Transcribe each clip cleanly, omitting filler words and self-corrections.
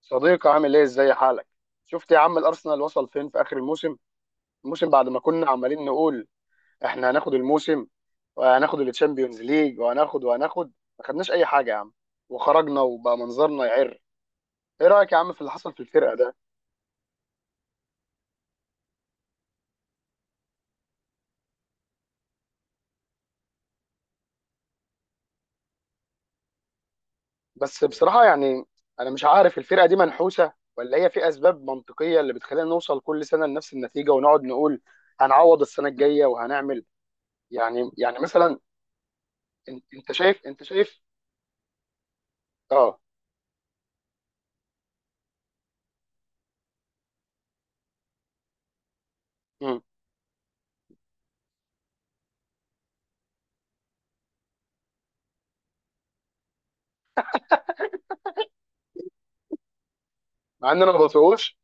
صديقي عامل ايه، ازاي حالك؟ شفت يا عم الارسنال وصل فين في اخر الموسم؟ الموسم بعد ما كنا عمالين نقول احنا هناخد الموسم وهناخد التشامبيونز ليج وهناخد، ما خدناش اي حاجه يا عم. وخرجنا وبقى منظرنا يعر. ايه رايك يا عم في اللي حصل في الفرقه ده؟ بس بصراحه يعني انا مش عارف، الفرقه دي منحوسه ولا هي في اسباب منطقيه اللي بتخلينا نوصل كل سنه لنفس النتيجه ونقعد نقول هنعوض السنه الجايه وهنعمل. يعني مثلا، انت شايف، انت شايف. اه. مم. مع ان انا ما بطيقوش.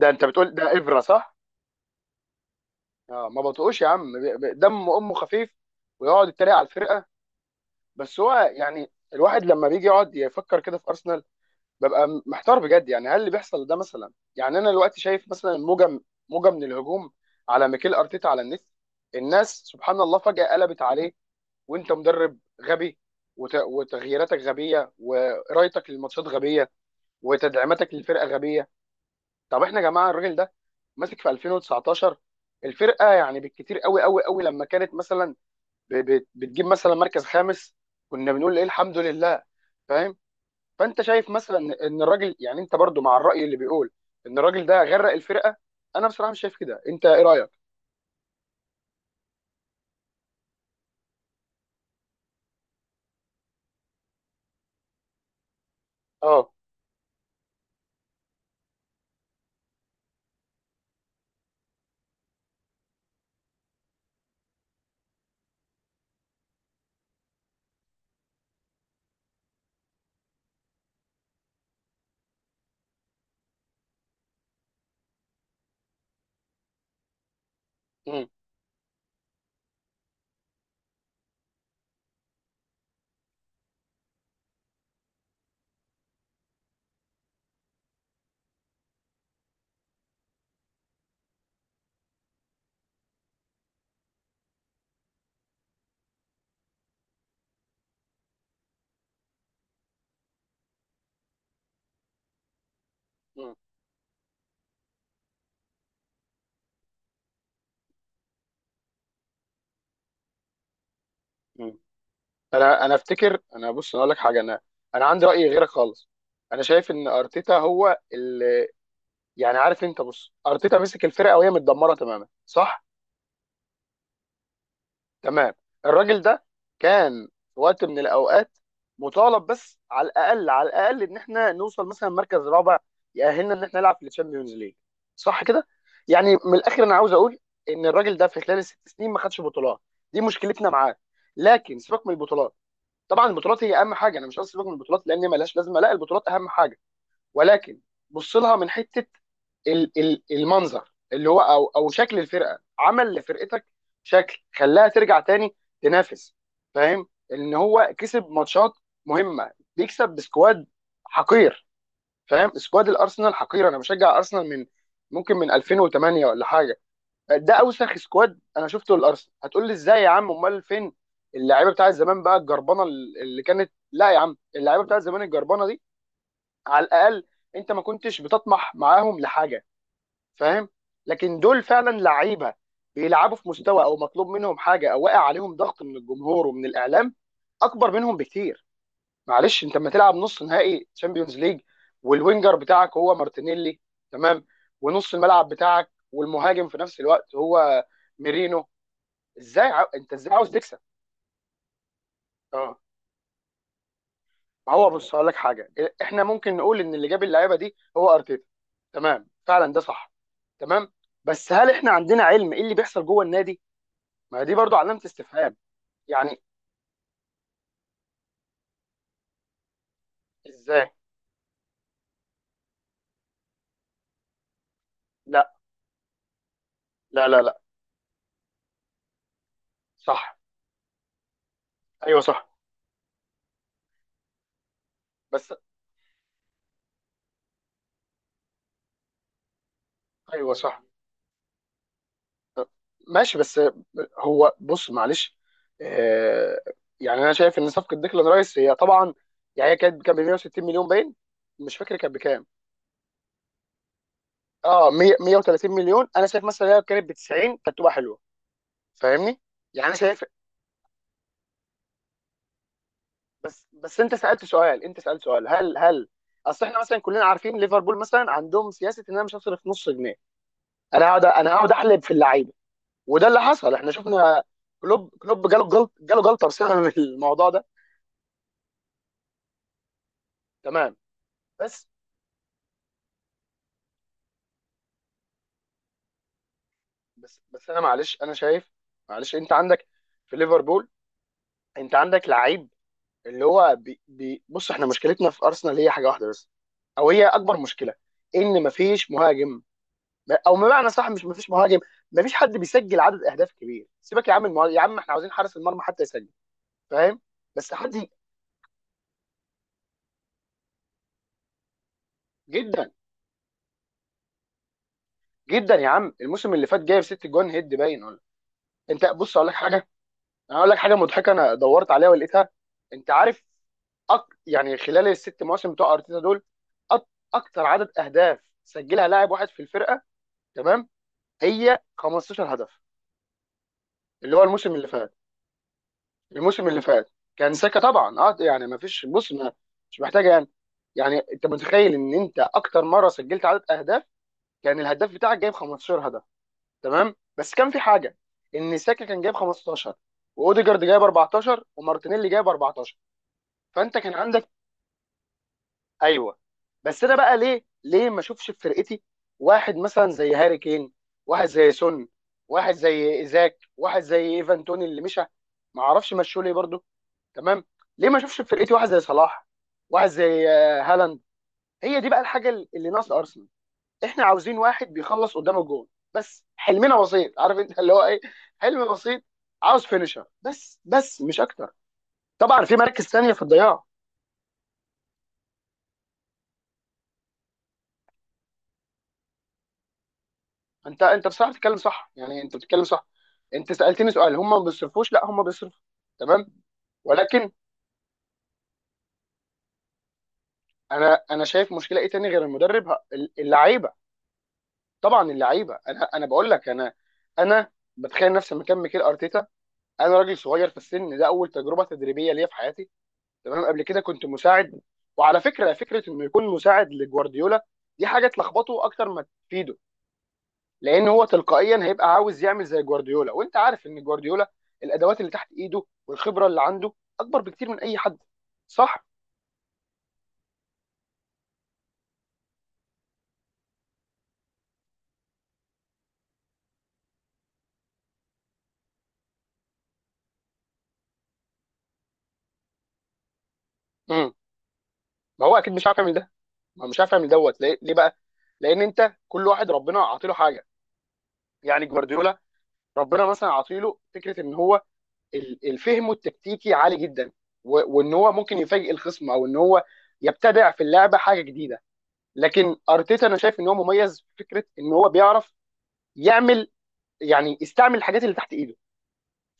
ده انت بتقول ده ابره صح؟ اه، ما بطقوش يا عم، دم امه خفيف ويقعد يتريق على الفرقه. بس هو يعني الواحد لما بيجي يقعد يفكر كده في ارسنال، ببقى محتار بجد. يعني هل اللي بيحصل ده، مثلا يعني انا دلوقتي شايف مثلا موجه، موجه من الهجوم على ميكيل ارتيتا على النت، الناس سبحان الله فجاه قلبت عليه، وانت مدرب غبي، وتغييراتك غبيه، وقرايتك للماتشات غبيه، وتدعيماتك للفرقه غبيه. طب احنا يا جماعه، الراجل ده ماسك في 2019 الفرقه، يعني بالكتير قوي قوي قوي لما كانت مثلا بتجيب مثلا مركز خامس كنا بنقول ايه الحمد لله. فاهم؟ فانت شايف مثلا ان الراجل، يعني انت برضو مع الراي اللي بيقول ان الراجل ده غرق الفرقه؟ انا بصراحه مش شايف كده، انت ايه رايك؟ اه. مم. مم. مم. انا افتكر، بص انا اقول لك حاجه، انا عندي راي غيرك خالص. انا شايف ان ارتيتا هو اللي، يعني عارف، انت بص، ارتيتا مسك الفرقه وهي متدمره تماما صح؟ تمام. الراجل ده كان في وقت من الاوقات مطالب بس على الاقل، على الاقل ان احنا نوصل مثلا مركز رابع يأهلنا ان احنا نلعب في الشامبيونز ليج، صح كده؟ يعني من الاخر انا عاوز اقول ان الراجل ده في خلال الست سنين ما خدش بطولات، دي مشكلتنا معاه. لكن سيبك من البطولات، طبعا البطولات هي اهم حاجه، انا مش قصدي سيبك من البطولات لان مالهاش لازمه، لا البطولات اهم حاجه. ولكن بص لها من حته المنظر اللي هو، او شكل الفرقه، عمل لفرقتك شكل خلاها ترجع تاني تنافس. فاهم؟ ان هو كسب ماتشات مهمه، بيكسب بسكواد حقير. فاهم؟ سكواد الارسنال حقير. انا بشجع ارسنال من ممكن من 2008 ولا حاجه، ده اوسخ سكواد انا شفته للارسنال. هتقول لي ازاي يا عم، امال فين اللعيبه بتاعت زمان بقى الجربانه اللي كانت؟ لا يا عم، اللعيبه بتاعت زمان الجربانه على الاقل انت ما كنتش بتطمح معاهم لحاجه، فاهم؟ لكن دول فعلا لعيبه بيلعبوا في مستوى، او مطلوب منهم حاجه، او واقع عليهم ضغط من الجمهور ومن الاعلام اكبر منهم بكتير. معلش انت لما تلعب نص نهائي تشامبيونز ليج والوينجر بتاعك هو مارتينيلي، تمام، ونص الملعب بتاعك والمهاجم في نفس الوقت هو ميرينو، انت ازاي عاوز تكسب؟ ما هو بص هقول لك حاجه، احنا ممكن نقول ان اللي جاب اللعيبه دي هو ارتيتا، تمام، فعلا ده صح، تمام. بس هل احنا عندنا علم ايه اللي بيحصل جوه النادي؟ ما دي برضو علامه استفهام. يعني ازاي؟ لا لا لا لا. صح. ايوه صح. بس. ايوه صح ماشي. بس هو بص معلش، آه، يعني انا شايف ان صفقه ديكلان رايس هي طبعا يعني هي كانت، كان ب 160 مليون باين، مش فاكر كانت بكام. اه 100، 130 مليون، انا شايف مثلا لو كانت ب 90 كانت تبقى حلوه، فاهمني؟ يعني شايف. بس انت سالت سؤال، انت سالت سؤال هل هل، اصل احنا مثلا كلنا عارفين ليفربول مثلا عندهم سياسه ان انا مش هصرف نص جنيه، انا هقعد، انا هقعد احلب في اللعيبه. وده اللي حصل، احنا شفنا كلوب جاله جلطه بسبب الموضوع ده. تمام. بس بس انا معلش، انا شايف، معلش انت عندك في ليفربول، انت عندك لعيب اللي هو بي بي بص، احنا مشكلتنا في ارسنال هي حاجه واحده بس، او هي اكبر مشكله، ان مفيش مهاجم. او بمعنى صح، مش مفيش مهاجم، مفيش حد بيسجل عدد اهداف كبير. سيبك يا عم المهاجم، يا عم احنا عاوزين حارس المرمى حتى يسجل، فاهم؟ بس جدا، جدا يا عم، الموسم اللي فات جايب ست جون هيد باين ولا. انت بص اقول لك حاجه، انا اقول لك حاجه مضحكه، انا دورت عليها ولقيتها. انت عارف، يعني خلال الست مواسم بتوع ارتيتا دول، أك... اكتر عدد اهداف سجلها لاعب واحد في الفرقه، تمام، هي 15 هدف، اللي هو الموسم اللي فات. الموسم اللي فات كان ساكا طبعا، اه. يعني ما فيش، بص ما، مش محتاجه يعني. يعني انت متخيل ان انت اكتر مره سجلت عدد اهداف كان الهداف بتاعك جايب 15 هدف؟ تمام، بس كان في حاجه، ان ساكا كان جايب 15، واوديجارد جايب 14، ومارتينيلي جايب 14. فانت كان عندك، ايوه. بس انا بقى ليه ما اشوفش في فرقتي واحد مثلا زي هاري كين، واحد زي سون، واحد زي ايزاك، واحد زي ايفان توني اللي مشى، ما اعرفش مشوا ليه برضه، تمام. ليه ما اشوفش في فرقتي واحد زي صلاح، واحد زي هالاند؟ هي دي بقى الحاجه اللي ناقصه ارسنال، احنا عاوزين واحد بيخلص قدام الجول. بس حلمنا بسيط، عارف انت اللي هو ايه، حلم بسيط، عاوز فينيشر بس مش اكتر. طبعا في مراكز ثانيه في الضياع. انت بصراحه بتتكلم صح، يعني انت بتتكلم صح. انت سالتني سؤال هم ما بيصرفوش؟ لا هم بيصرفوا، تمام. ولكن انا شايف مشكله ايه تاني غير المدرب، اللعيبه، طبعا اللعيبه. انا بقول لك، انا انا بتخيل نفسي مكان ميكيل ارتيتا، انا راجل صغير في السن، ده اول تجربه تدريبيه ليا في حياتي، تمام، قبل كده كنت مساعد. وعلى فكره، انه يكون مساعد لجوارديولا دي حاجه تلخبطه اكتر ما تفيده، لان هو تلقائيا هيبقى عاوز يعمل زي جوارديولا، وانت عارف ان جوارديولا الادوات اللي تحت ايده والخبره اللي عنده اكبر بكتير من اي حد، صح؟ امم، ما هو اكيد مش عارف يعمل ده، ما هو مش عارف يعمل دوت ليه؟ ليه بقى؟ لان انت كل واحد ربنا عاطيله حاجه، يعني جوارديولا ربنا مثلا عاطيله فكره ان هو الفهم التكتيكي عالي جدا، وان هو ممكن يفاجئ الخصم، او ان هو يبتدع في اللعبه حاجه جديده. لكن ارتيتا انا شايف ان هو مميز في فكره ان هو بيعرف يعمل، يعني يستعمل الحاجات اللي تحت ايده،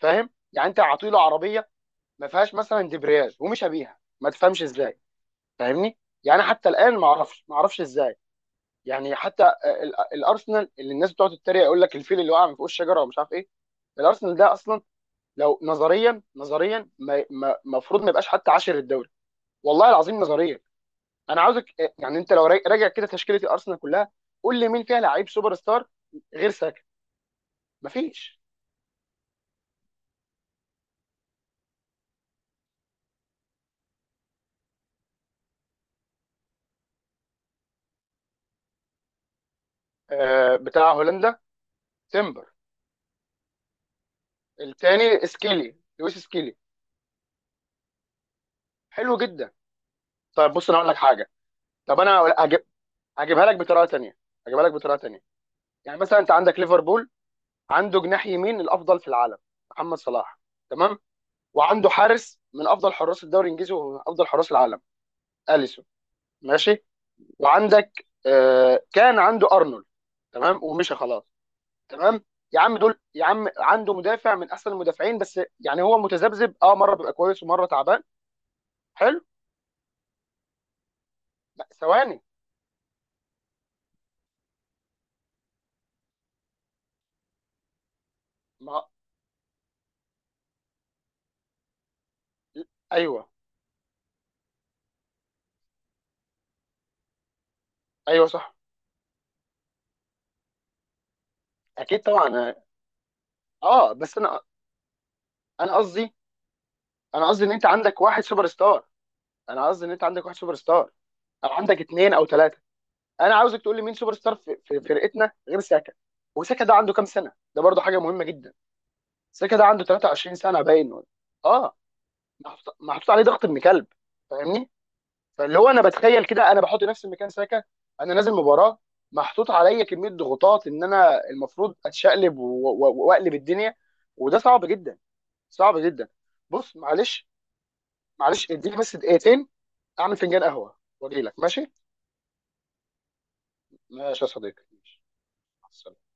فاهم؟ يعني انت عاطيله عربيه ما فيهاش مثلا دبرياج ومش بيها، ما تفهمش ازاي، فاهمني؟ يعني حتى الان ما اعرفش ازاي. يعني حتى الارسنال اللي الناس بتقعد تتريق يقول لك الفيل اللي وقع من فوق الشجره ومش عارف ايه، الارسنال ده اصلا لو نظريا، نظريا المفروض ما يبقاش حتى عاشر الدوري، والله العظيم نظريا. انا عاوزك يعني انت لو راجع كده تشكيله الارسنال كلها، قول لي مين فيها لعيب سوبر ستار غير ساكا. مفيش. آه بتاع هولندا تيمبر. التاني سكيلي، لويس سكيلي. حلو جدا. طيب بص انا اقول لك حاجه. طب انا هجيب، هجيبها لك بطريقه تانيه. هجيبها لك بطريقه تانيه يعني مثلا انت عندك ليفربول، عنده جناح يمين الافضل في العالم، محمد صلاح، تمام، وعنده حارس من افضل حراس الدوري الانجليزي وافضل حراس العالم، اليسون، ماشي، وعندك آه، كان عنده ارنولد، تمام ومشى خلاص، تمام. يا عم دول، يا عم عنده مدافع من احسن المدافعين، بس يعني هو متذبذب اه، مره بيبقى كويس ومره تعبان. حلو. لا ثواني. ما، ايوه، ايوه صح. اكيد طبعا اه. بس انا، انا قصدي، انا قصدي ان انت عندك واحد سوبر ستار انا قصدي ان انت عندك واحد سوبر ستار، او عندك اثنين او ثلاثه. انا عاوزك تقول لي مين سوبر ستار في فرقتنا غير ساكا؟ وساكا ده عنده كام سنه، ده برضه حاجه مهمه جدا. بس كده عنده 23 سنه باين ولا-. اه. محطوط عليه ضغط ابن كلب، فاهمني؟ فاللي هو انا بتخيل كده، انا بحط نفسي مكان ساكا، انا نازل مباراه محطوط عليا كميه ضغوطات ان انا المفروض اتشقلب واقلب الدنيا، وده صعب جدا، صعب جدا. بص معلش. معلش اديني بس دقيقتين اعمل فنجان قهوه واجي لك، ماشي؟ ماشي يا صديقي، ماشي، مع السلامة.